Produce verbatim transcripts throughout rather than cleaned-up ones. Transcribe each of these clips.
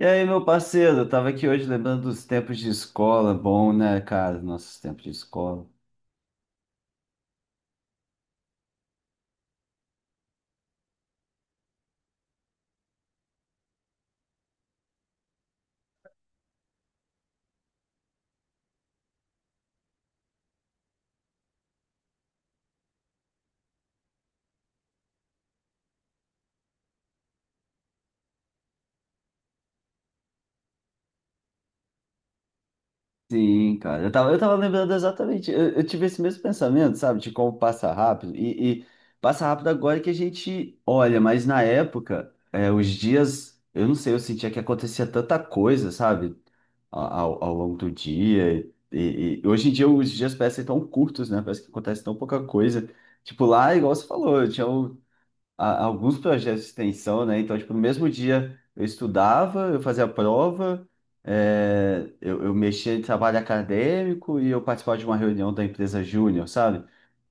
E aí, meu parceiro, eu tava aqui hoje lembrando dos tempos de escola, bom, né, cara, nossos tempos de escola. Sim, cara, eu tava, eu tava lembrando exatamente, eu, eu tive esse mesmo pensamento, sabe, de como passa rápido, e, e passa rápido agora que a gente olha, mas na época, é, os dias, eu não sei, eu sentia que acontecia tanta coisa, sabe, a- ao, ao longo do dia, e, e hoje em dia os dias parecem tão curtos, né, parece que acontece tão pouca coisa, tipo lá, igual você falou, eu tinha a- alguns projetos de extensão, né? Então, tipo, no mesmo dia eu estudava, eu fazia a prova, é, eu, eu mexia em trabalho acadêmico e eu participava de uma reunião da empresa Júnior, sabe?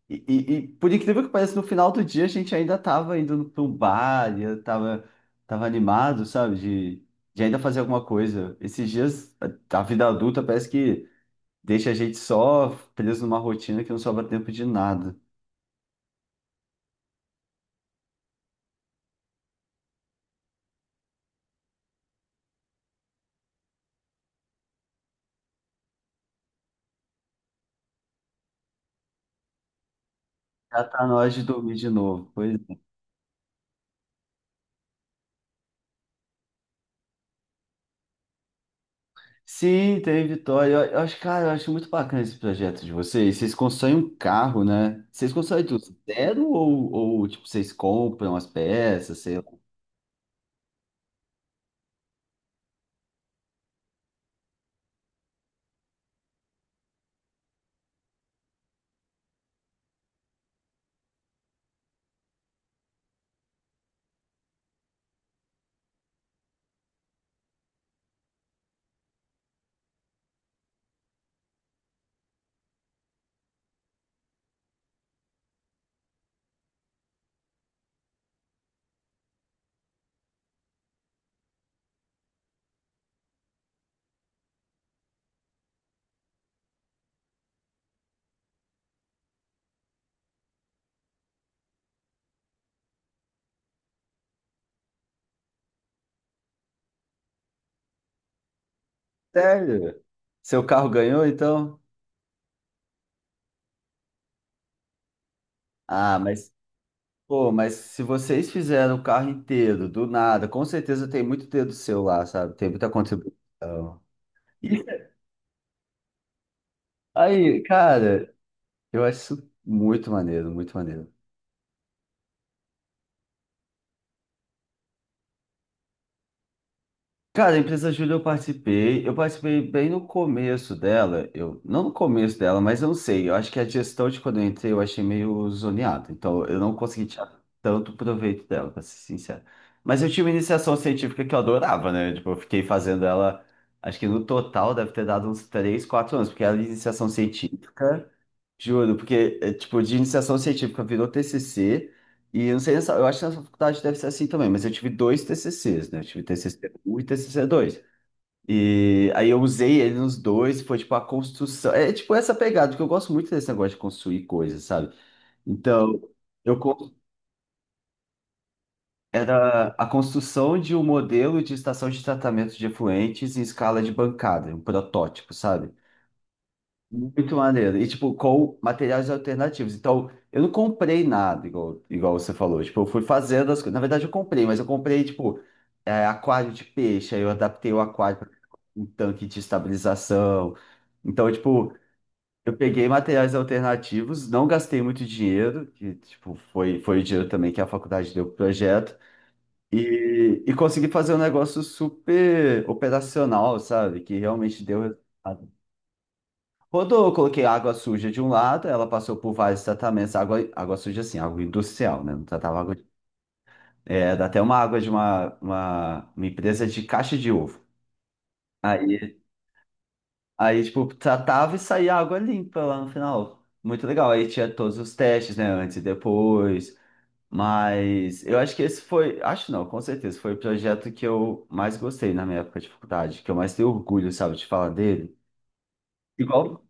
E, e- e, por incrível que pareça, no final do dia a gente ainda estava indo para um bar, e eu tava, tava animado, sabe? De, de ainda fazer alguma coisa. Esses dias, a a vida adulta parece que deixa a gente só preso numa rotina que não sobra tempo de nada. Já tá na hora de dormir de novo. Pois. Sim, tem Vitória. Eu, eu acho, cara, eu acho muito bacana esse projeto de vocês. Vocês constroem um carro, né? Vocês constroem tudo zero ou, ou tipo, vocês compram as peças, sei lá. Sério? Seu carro ganhou, então? Ah, mas, pô, mas se vocês fizeram o carro inteiro, do nada, com certeza tem muito dedo seu lá, sabe? Tem muita contribuição. Aí, cara, eu acho isso muito maneiro, muito maneiro. Cara, a empresa Júlia eu participei, eu participei bem no começo dela, eu não no começo dela, mas eu não sei, eu acho que a gestão de quando eu entrei eu achei meio zoneada, então eu não consegui tirar tanto proveito dela, pra ser sincero. Mas eu tinha uma iniciação científica que eu adorava, né? Tipo, eu fiquei fazendo ela, acho que no total deve ter dado uns três, quatro anos, porque era iniciação científica. Juro, porque, é, tipo, de iniciação científica virou T C C, e eu não sei, nessa- eu acho que nessa faculdade deve ser assim também, mas eu tive dois T C Cs, né? Eu tive TCC um e TCC dois. E aí eu usei ele nos dois, foi tipo a construção. É tipo essa pegada, porque eu gosto muito desse negócio de construir coisas, sabe? Então, eu con- era a construção de um modelo de estação de tratamento de efluentes em escala de bancada, um protótipo, sabe? Muito maneiro. E, tipo, com materiais alternativos. Então, eu não comprei nada, igual, igual você falou. Tipo, eu fui fazendo as coisas. Na verdade, eu comprei, mas eu comprei, tipo, é, aquário de peixe. Aí eu adaptei o aquário para um tanque de estabilização. Então, tipo, eu peguei materiais alternativos, não gastei muito dinheiro, que, tipo, foi, foi o dinheiro também que a faculdade deu pro projeto. E, e consegui fazer um negócio super operacional, sabe? Que realmente deu resultado. Rodou, eu coloquei água suja de um lado, ela passou por vários tratamentos, água, água suja assim, água industrial, né? Não tratava água. É, dá até uma água de uma, uma, uma empresa de caixa de ovo. Aí, aí, tipo, tratava e saía água limpa lá no final. Muito legal. Aí tinha todos os testes, né? Antes e depois. Mas eu acho que esse foi, acho não, com certeza, foi o projeto que eu mais gostei na minha época de faculdade, que eu mais tenho orgulho, sabe, de falar dele. Igual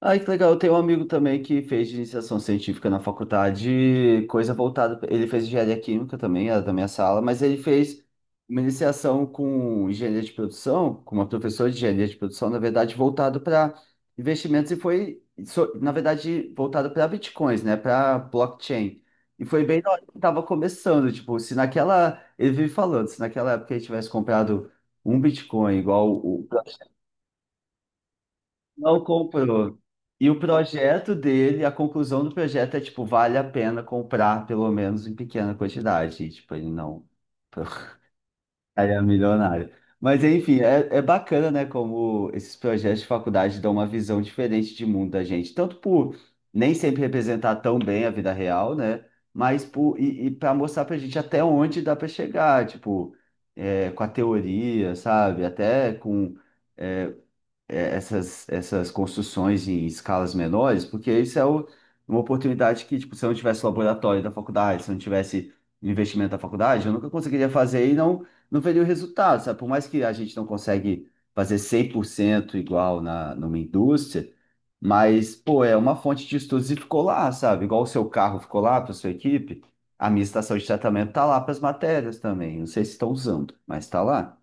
Ai, que legal. Eu tenho um amigo também que fez iniciação científica na faculdade, coisa voltada. Ele fez engenharia química também, era da minha sala, mas ele fez uma iniciação com engenharia de produção, com uma professora de engenharia de produção, na verdade, voltado para investimentos e foi, so- na verdade, voltado para bitcoins, né, para blockchain. E foi bem na hora que estava começando, tipo, se naquela. Ele vive falando, se naquela época ele tivesse comprado um bitcoin igual o. Não comprou. E o projeto dele, a conclusão do projeto é, tipo, vale a pena comprar, pelo menos em pequena quantidade. E, tipo, ele não. Ele é milionário. Mas, enfim, é, é bacana, né, como esses projetos de faculdade dão uma visão diferente de mundo da gente. Tanto por nem sempre representar tão bem a vida real, né? Mas por, e, e para mostrar pra gente até onde dá para chegar, tipo, é, com a teoria, sabe? Até com. é, é, essas, essas construções em escalas menores, porque isso é o- uma oportunidade que, tipo, se eu não tivesse o laboratório da faculdade, se eu não tivesse o investimento da faculdade, eu nunca conseguiria fazer e não, não veria o resultado, sabe? Por mais que a gente não consegue fazer cem por cento igual na, numa indústria, mas, pô, é uma fonte de estudos e ficou lá, sabe? Igual o seu carro ficou lá para sua equipe, a minha estação de tratamento tá lá para as matérias também. Não sei se estão usando, mas tá lá.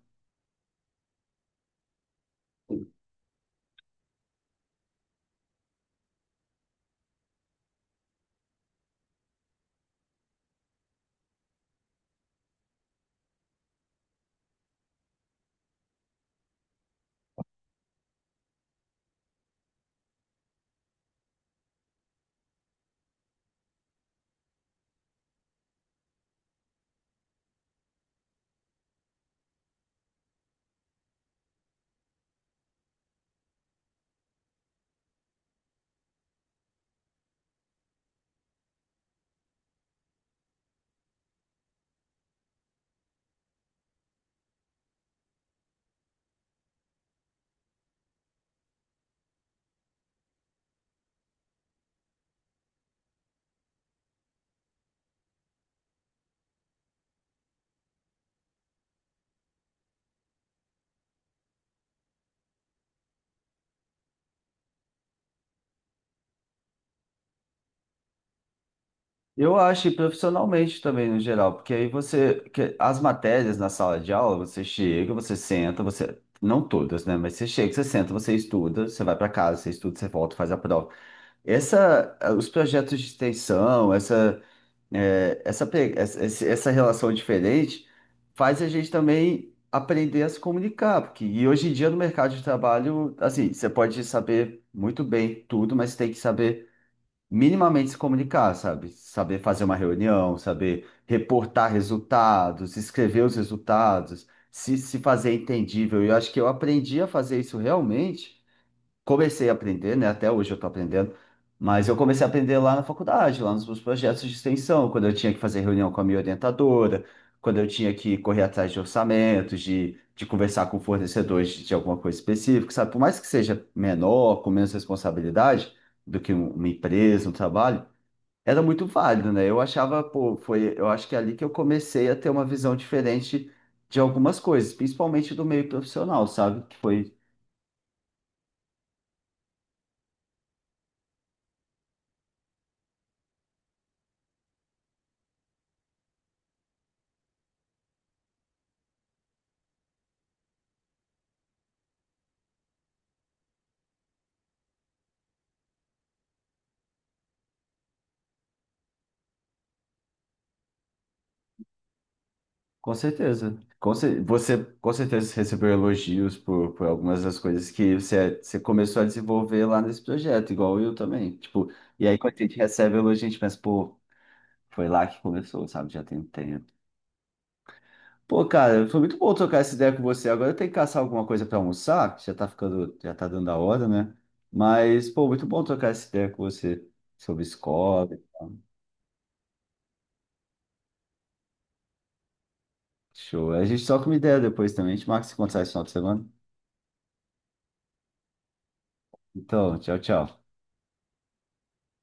Eu acho, e profissionalmente também, no geral, porque aí você, que as matérias na sala de aula, você chega, você senta, você, não todas, né, mas você chega, você senta, você estuda, você vai para casa, você estuda, você volta, faz a prova. Essa, eh, os projetos de extensão, essa, eh, essa, pe- essa, esse- essa relação diferente faz a gente também aprender a se comunicar, porque, e hoje em dia no mercado de trabalho, assim, você pode saber muito bem tudo, mas tem que saber minimamente se comunicar, sabe? Saber fazer uma reunião, saber reportar resultados, escrever os resultados, se, se fazer entendível. E eu acho que eu aprendi a fazer isso realmente comecei a aprender, né? Até hoje eu estou aprendendo, mas eu comecei a aprender lá na faculdade, lá nos meus projetos de extensão, quando eu tinha que fazer reunião com a minha orientadora, quando eu tinha que correr atrás de orçamentos, de, de conversar com fornecedores de, de alguma coisa específica, sabe? Por mais que seja menor, com menos responsabilidade do que um- uma empresa, um trabalho, era muito válido, né? Eu achava, pô, foi, eu acho que é ali que eu comecei a ter uma visão diferente de algumas coisas, principalmente do meio profissional, sabe? Que foi. Com certeza. Com cer- Você com certeza recebeu elogios por, por algumas das coisas que você, você começou a desenvolver lá nesse projeto, igual eu também. Tipo, e aí quando a gente recebe elogio, a gente pensa, pô, foi lá que começou, sabe? Já tem um tempo. Pô, cara, foi muito bom trocar essa ideia com você. Agora eu tenho que caçar alguma coisa para almoçar, que já tá ficando, já tá dando a hora, né? Mas, pô, muito bom trocar essa ideia com você sobre escola e tal. Show. A gente troca uma ideia depois também. A gente marca esse contato esse final de semana. Então, tchau, tchau.